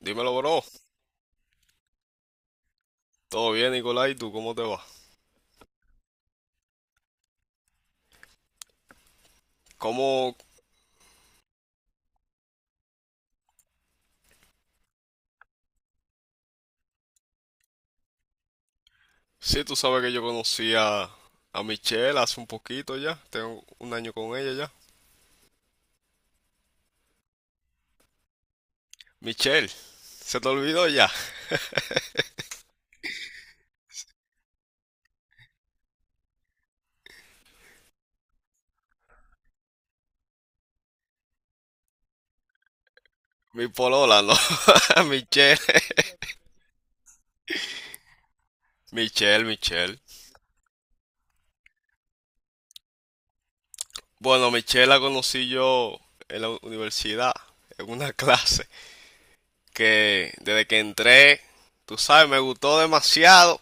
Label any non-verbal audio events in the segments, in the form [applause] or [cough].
Dímelo, bro. ¿Todo bien, Nicolai? ¿Tú cómo te va? ¿Cómo? Sí, tú sabes que yo conocí a Michelle hace un poquito ya. Tengo un año con ella ya. Michelle, se te olvidó ya. Mi polola, ¿no? [laughs] Michelle, Michelle, Michelle. Bueno, Michelle la conocí yo en la universidad, en una clase, que desde que entré, tú sabes, me gustó demasiado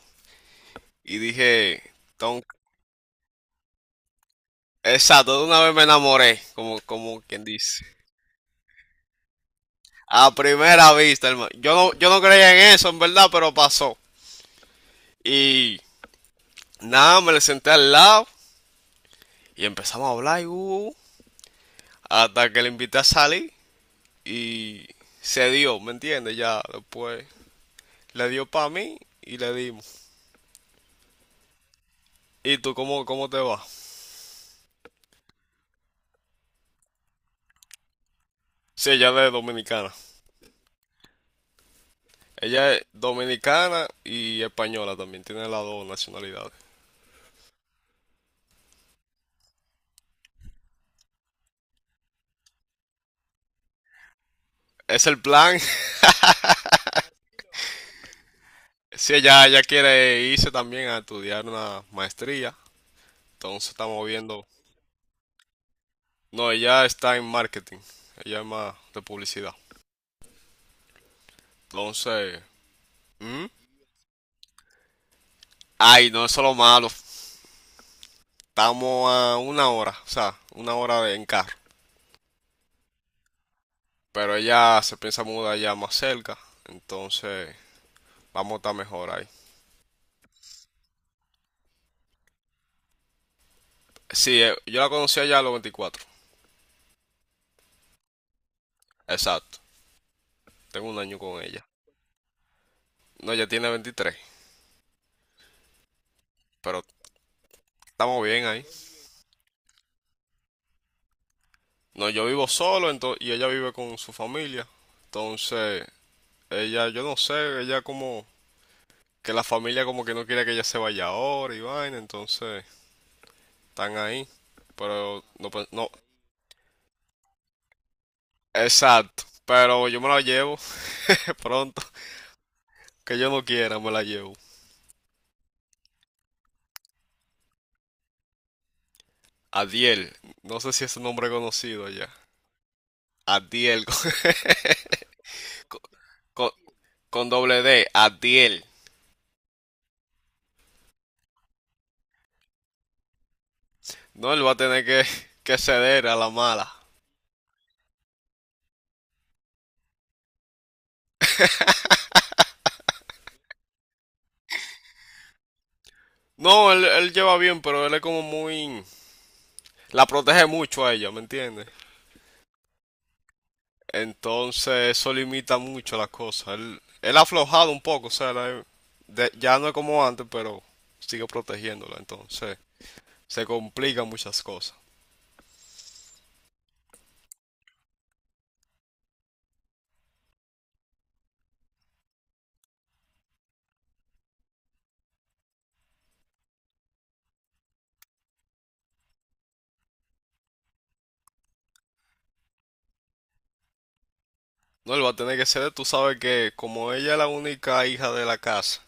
y dije, "Tengo-" exacto, de una vez me enamoré, como, como quien dice. A primera vista, hermano. Yo no creía en eso, en verdad, pero pasó. Y nada, me le senté al lado y empezamos a hablar y, uh, hasta que le invité a salir y se dio, ¿me entiendes? Ya después le dio para mí y le dimos. ¿Y tú cómo te va? Sí, ella es dominicana. Ella es dominicana y española también, tiene las dos nacionalidades. Es el plan. [laughs] Sí, ella quiere irse también a estudiar una maestría. Entonces estamos viendo. No, ella está en marketing. Ella es más de publicidad. Entonces, ¿hmm? Ay, no, eso es lo malo. Estamos a una hora, o sea, una hora de, en carro. Pero ella se piensa mudar ya más cerca. Entonces, vamos a estar mejor ahí. Sí, yo la conocí allá a los 24. Exacto. Tengo un año con ella. No, ella tiene 23. Pero estamos bien ahí. No, yo vivo solo y ella vive con su familia. Entonces, ella, yo no sé, ella como que la familia como que no quiere que ella se vaya ahora y vaina, entonces están ahí. Pero no, no, exacto. Pero yo me la llevo, [laughs] de pronto, que yo no quiera, me la llevo. Adiel, no sé si es un nombre conocido allá. Adiel, [laughs] con, con- con doble D, Adiel. No, él va a tener que ceder a la mala. No, él lleva bien, pero él es como muy... La protege mucho a ella, ¿me entiendes? Entonces eso limita mucho las cosas. Él ha aflojado un poco, o sea, ya no es como antes, pero sigue protegiéndola. Entonces se complican muchas cosas. No, él va a tener que ser, tú sabes que como ella es la única hija de la casa,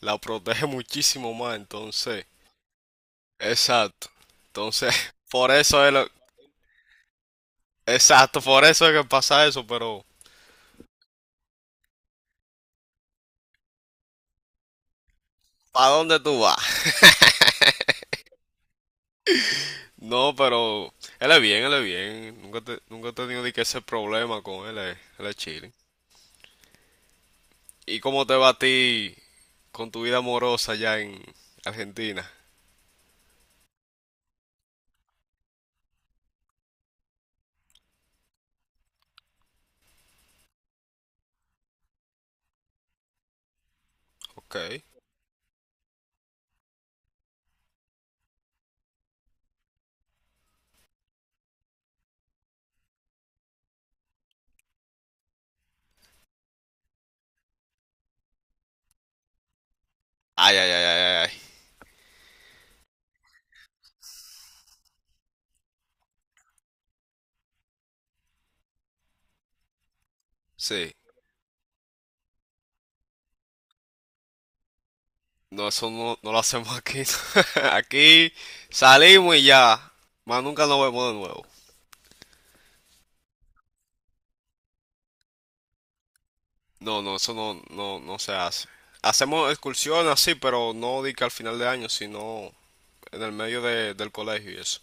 la protege [laughs] muchísimo más, entonces, exacto. Entonces, [laughs] por eso es lo, exacto, por eso es que pasa eso, pero ¿para dónde tú vas? [laughs] No, pero él es bien, él es bien. Nunca, nunca he tenido ni que ese problema con él, él es chilling. ¿Y cómo te va a ti con tu vida amorosa allá en Argentina? Ok. Ay, ay, ay, ay, ay, ay. Sí. No, eso no, no lo hacemos aquí. [laughs] Aquí salimos y ya. Más nunca nos vemos de nuevo. No, no, eso no, no, no se hace. Hacemos excursiones así, pero no di que al final de año, sino en el medio del colegio y eso.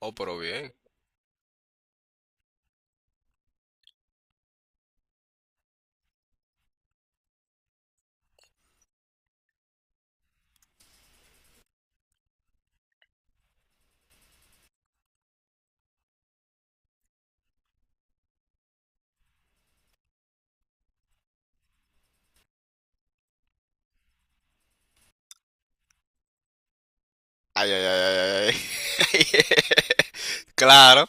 Oh, pero bien. Ay, ay, ay, ay, ay. [laughs] Claro.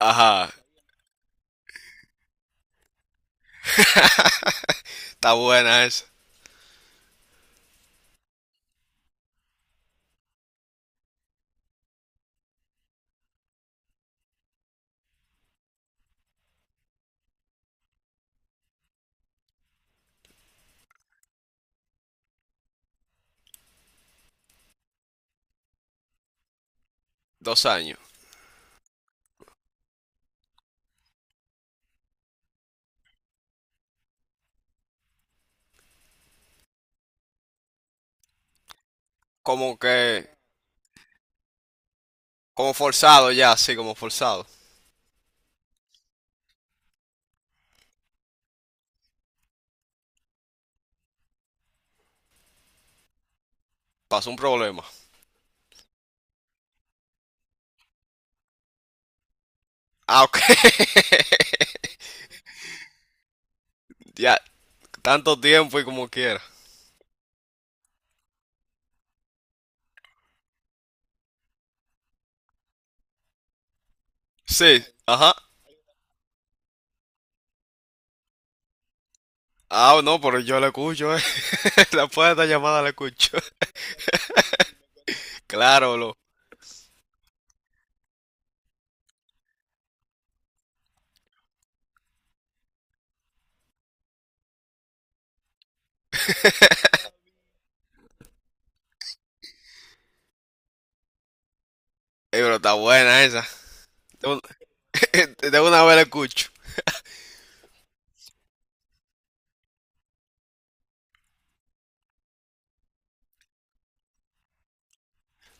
Ajá. [laughs] Está buena esa. Dos años. Como que, como forzado ya, sí, como forzado. Pasó un problema. Ah, ok. [laughs] Ya, tanto tiempo y como quiera. Sí, ajá. Ah, no, pero yo la escucho, eh. [laughs] Después de esta llamada la escucho. [laughs] Claro, lo. Pero está buena esa. De un- [laughs] de una vez la escucho.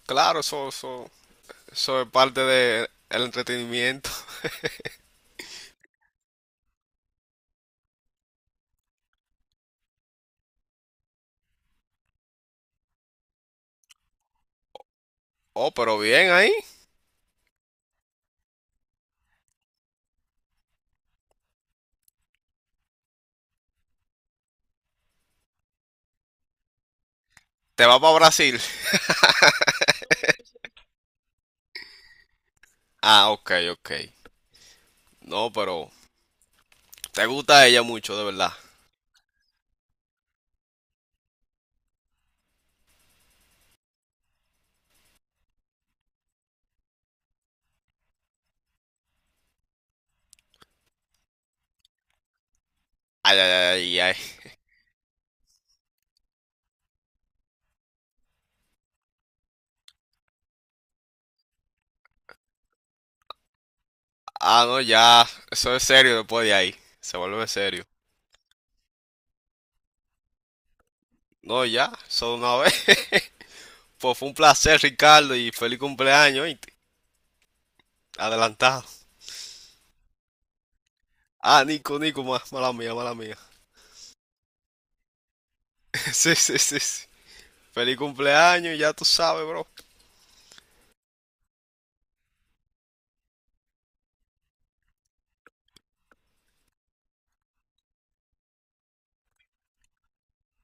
Claro, eso, eso. Eso es parte del entretenimiento. [laughs] Oh, pero bien ahí. Te vas para Brasil. [laughs] Ah, ok, ok. No, pero te gusta ella mucho, de verdad. Ay, ay, ay, ay. Ah, no, ya. Eso es serio después de ahí. Se vuelve serio. No, ya. Solo una vez. [laughs] Pues fue un placer, Ricardo, y feliz cumpleaños, ¿oíste? Adelantado. Ah, Nico, Nico, mala mía, mala mía. [laughs] Sí, sí, sí, sí. Feliz cumpleaños, ya tú sabes, bro.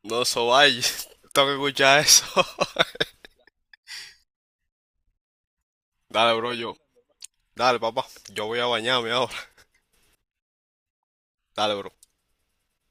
No, eso vaya. [laughs] Tengo que escuchar eso. [laughs] Dale, bro, yo. Dale, papá. Yo voy a bañarme ahora. Dale, bro.